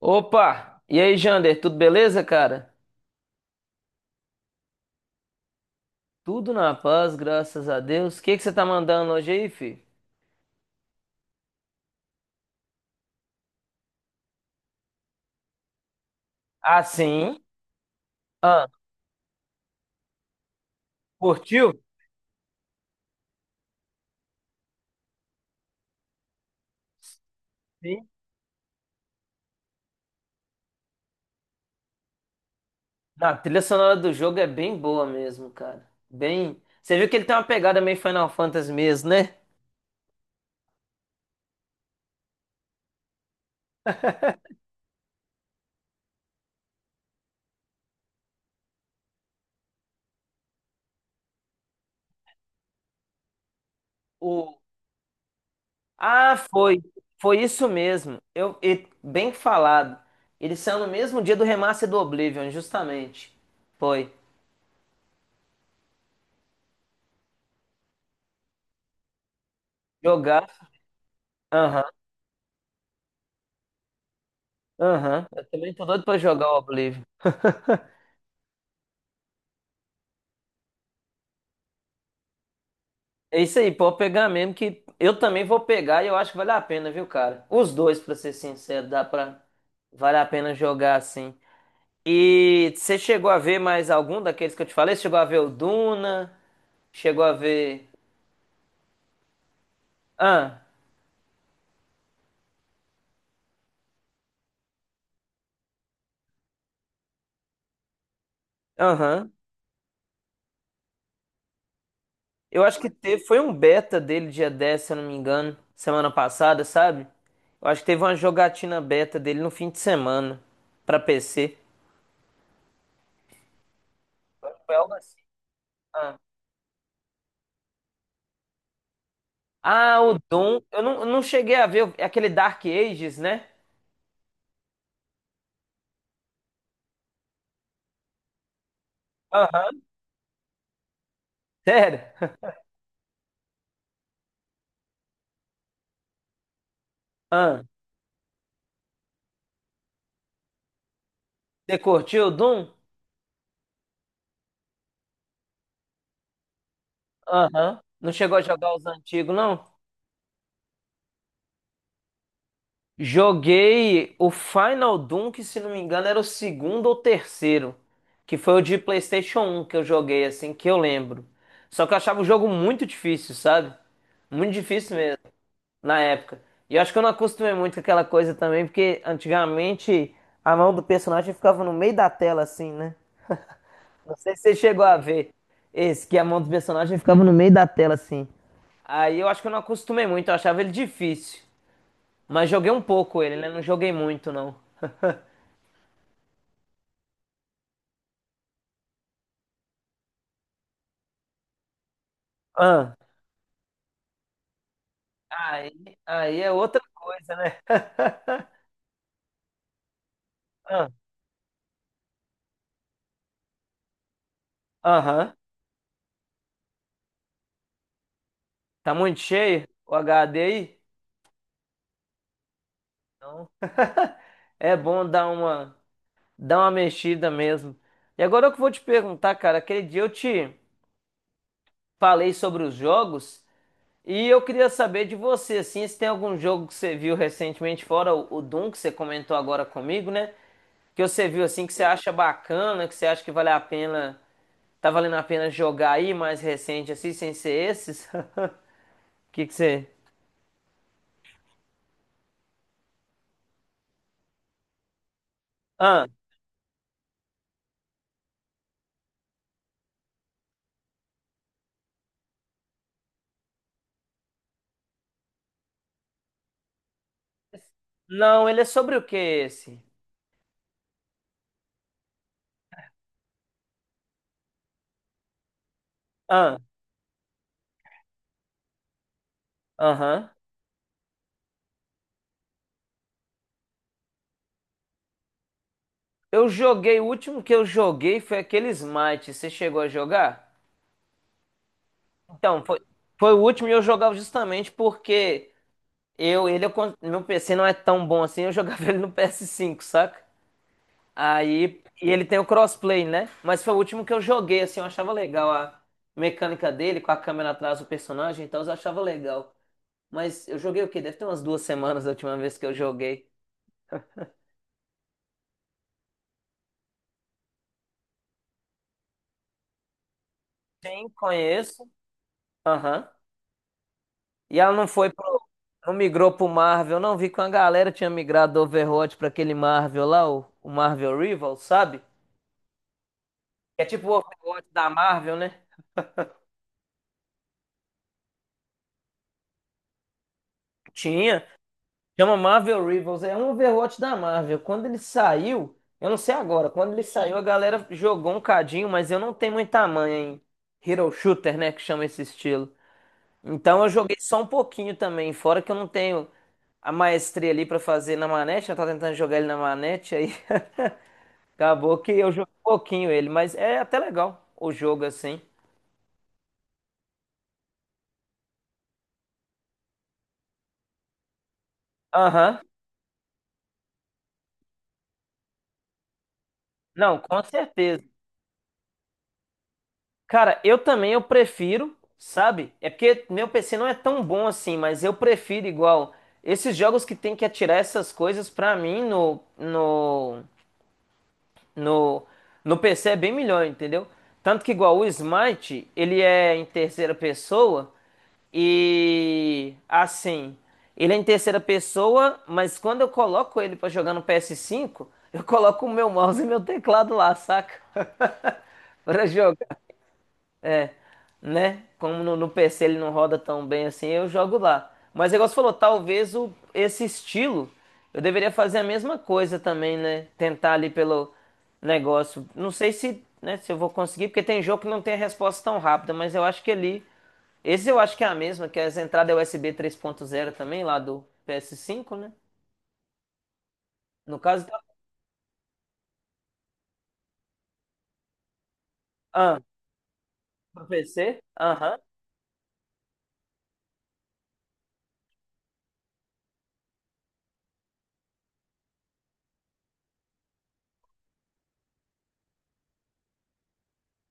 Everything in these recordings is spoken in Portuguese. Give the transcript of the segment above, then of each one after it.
Opa! E aí, Jander, tudo beleza, cara? Tudo na paz, graças a Deus. O que que você tá mandando hoje aí, filho? Ah, sim. Ah, curtiu? Sim. A trilha sonora do jogo é bem boa mesmo, cara. Bem. Você viu que ele tem uma pegada meio Final Fantasy mesmo, né? O... Ah, foi. Foi isso mesmo. Eu... Bem falado. Ele saiu no mesmo dia do remaster do Oblivion, justamente. Foi. Jogar. Aham, eu também tô doido pra jogar o Oblivion. É isso aí, pode pegar mesmo que eu também vou pegar e eu acho que vale a pena, viu, cara? Os dois, pra ser sincero, dá pra. Vale a pena jogar assim. E você chegou a ver mais algum daqueles que eu te falei? Você chegou a ver o Duna? Chegou a ver. Ah, aham. Eu acho que teve, foi um beta dele dia 10, se eu não me engano, semana passada, sabe? Eu acho que teve uma jogatina beta dele no fim de semana pra PC. Eu acho que foi algo assim. Ah, o Doom. Eu não cheguei a ver. É aquele Dark Ages, né? Aham. Sério? Ah, você curtiu o Doom? Aham. Não chegou a jogar os antigos, não? Joguei o Final Doom, que se não me engano era o segundo ou terceiro, que foi o de PlayStation um que eu joguei, assim, que eu lembro. Só que eu achava o jogo muito difícil, sabe? Muito difícil mesmo, na época. E eu acho que eu não acostumei muito com aquela coisa também, porque antigamente a mão do personagem ficava no meio da tela, assim, né? Não sei se você chegou a ver esse, que a mão do personagem ficava no meio da tela, assim. Aí eu acho que eu não acostumei muito, eu achava ele difícil. Mas joguei um pouco ele, né? Não joguei muito, não. Ah, aí é outra coisa, né? Ah, aham. Tá muito cheio o HD aí? Então, é bom dar uma mexida mesmo. E agora eu que vou te perguntar, cara, aquele dia eu te falei sobre os jogos. E eu queria saber de você, assim, se tem algum jogo que você viu recentemente, fora o Doom, que você comentou agora comigo, né? Que você viu, assim, que você acha bacana, que você acha que vale a pena, tá valendo a pena jogar aí mais recente, assim, sem ser esses? O que que você... Ah, não, ele é sobre o que esse? Ah, aham. Eu joguei, o último que eu joguei foi aquele Smite, você chegou a jogar? Então, foi, foi o último e eu jogava justamente porque... Eu, ele, eu, con- Meu PC não é tão bom assim, eu jogava ele no PS5, saca? Aí, e ele tem o crossplay, né? Mas foi o último que eu joguei, assim, eu achava legal a mecânica dele, com a câmera atrás do personagem e tal, eu achava legal. Mas eu joguei o quê? Deve ter umas 2 semanas da última vez que eu joguei. Sim, conheço. Aham. E ela não foi pro. Não migrou pro Marvel, não. Vi que uma galera tinha migrado do Overwatch pra aquele Marvel lá, o Marvel Rivals, sabe? É tipo o Overwatch da Marvel, né? Tinha. Chama Marvel Rivals, é um Overwatch da Marvel. Quando ele saiu, eu não sei agora, quando ele saiu a galera jogou um cadinho, mas eu não tenho muita manha em Hero Shooter, né, que chama esse estilo. Então eu joguei só um pouquinho também, fora que eu não tenho a maestria ali pra fazer na manete, eu tava tentando jogar ele na manete, aí acabou que eu joguei um pouquinho ele, mas é até legal o jogo assim. Aham. Não, com certeza. Cara, eu também eu prefiro, sabe? É porque meu PC não é tão bom assim, mas eu prefiro igual esses jogos que tem que atirar essas coisas pra mim no no PC é bem melhor, entendeu? Tanto que igual o Smite, ele é em terceira pessoa e assim, ele é em terceira pessoa, mas quando eu coloco ele pra jogar no PS5, eu coloco o meu mouse e meu teclado lá, saca? Pra jogar é, né? Como no PC ele não roda tão bem assim, eu jogo lá. Mas o negócio falou, talvez o, esse estilo eu deveria fazer a mesma coisa também, né? Tentar ali pelo negócio. Não sei se, né, se eu vou conseguir, porque tem jogo que não tem a resposta tão rápida, mas eu acho que ali. Esse eu acho que é a mesma, que é as entradas USB 3.0 também, lá do PS5, né? No caso, tá. Ah, pro PC? Aham.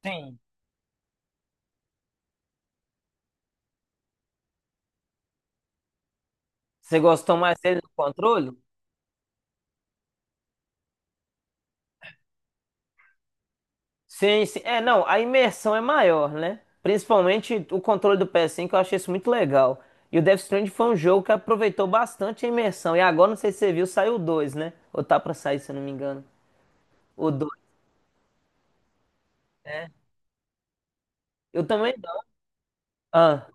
Sim. Você gostou mais dele do controle? Sim, sim. É, não, a imersão é maior, né? Principalmente o controle do PS5, eu achei isso muito legal. E o Death Stranding foi um jogo que aproveitou bastante a imersão. E agora, não sei se você viu, saiu o 2, né? Ou tá pra sair, se eu não me engano. O 2. Eu também não. Ah,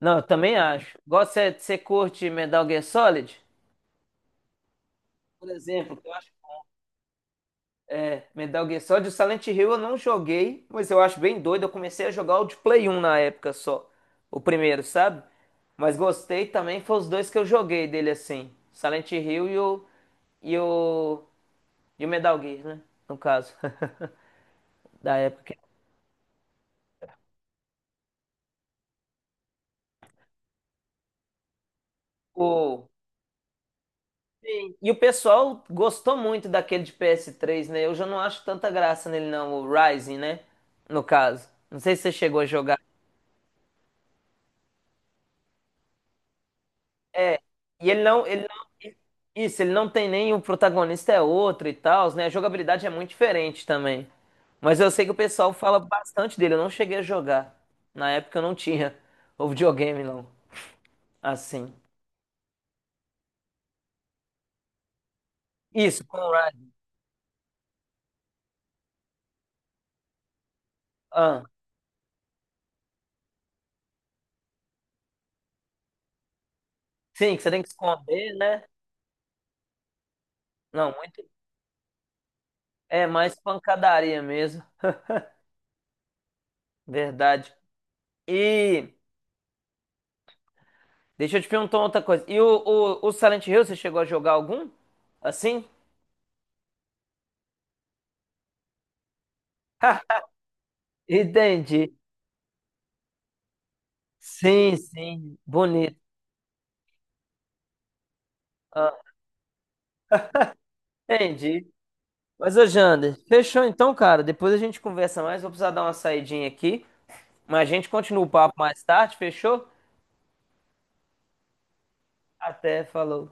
não, eu também acho. Gosta, você curte Metal Gear Solid? Por exemplo, que eu acho. É, Metal Gear Solid, o Silent Hill eu não joguei, mas eu acho bem doido. Eu comecei a jogar o de Play 1 na época só, o primeiro, sabe? Mas gostei também, foi os dois que eu joguei dele assim, Silent Hill e o e o Metal Gear, né? No caso, da época. O. Sim. E o pessoal gostou muito daquele de PS3, né? Eu já não acho tanta graça nele não, o Rising, né? No caso. Não sei se você chegou a jogar. É, e ele não, isso, ele não tem nem o protagonista é outro e tal, né? A jogabilidade é muito diferente também. Mas eu sei que o pessoal fala bastante dele, eu não cheguei a jogar. Na época eu não tinha o videogame, não. Assim. Isso, Conrad. Ah, sim, que você tem que esconder, né? Não, muito. É mais pancadaria mesmo. Verdade. E deixa eu te perguntar outra coisa. E o Silent Hill, você chegou a jogar algum? Assim? Ha, entendi. Sim, sim, bonito. Ah, entendi. Mas, ô Jander, fechou então, cara. Depois a gente conversa mais. Vou precisar dar uma saidinha aqui. Mas a gente continua o papo mais tarde, fechou? Até, falou.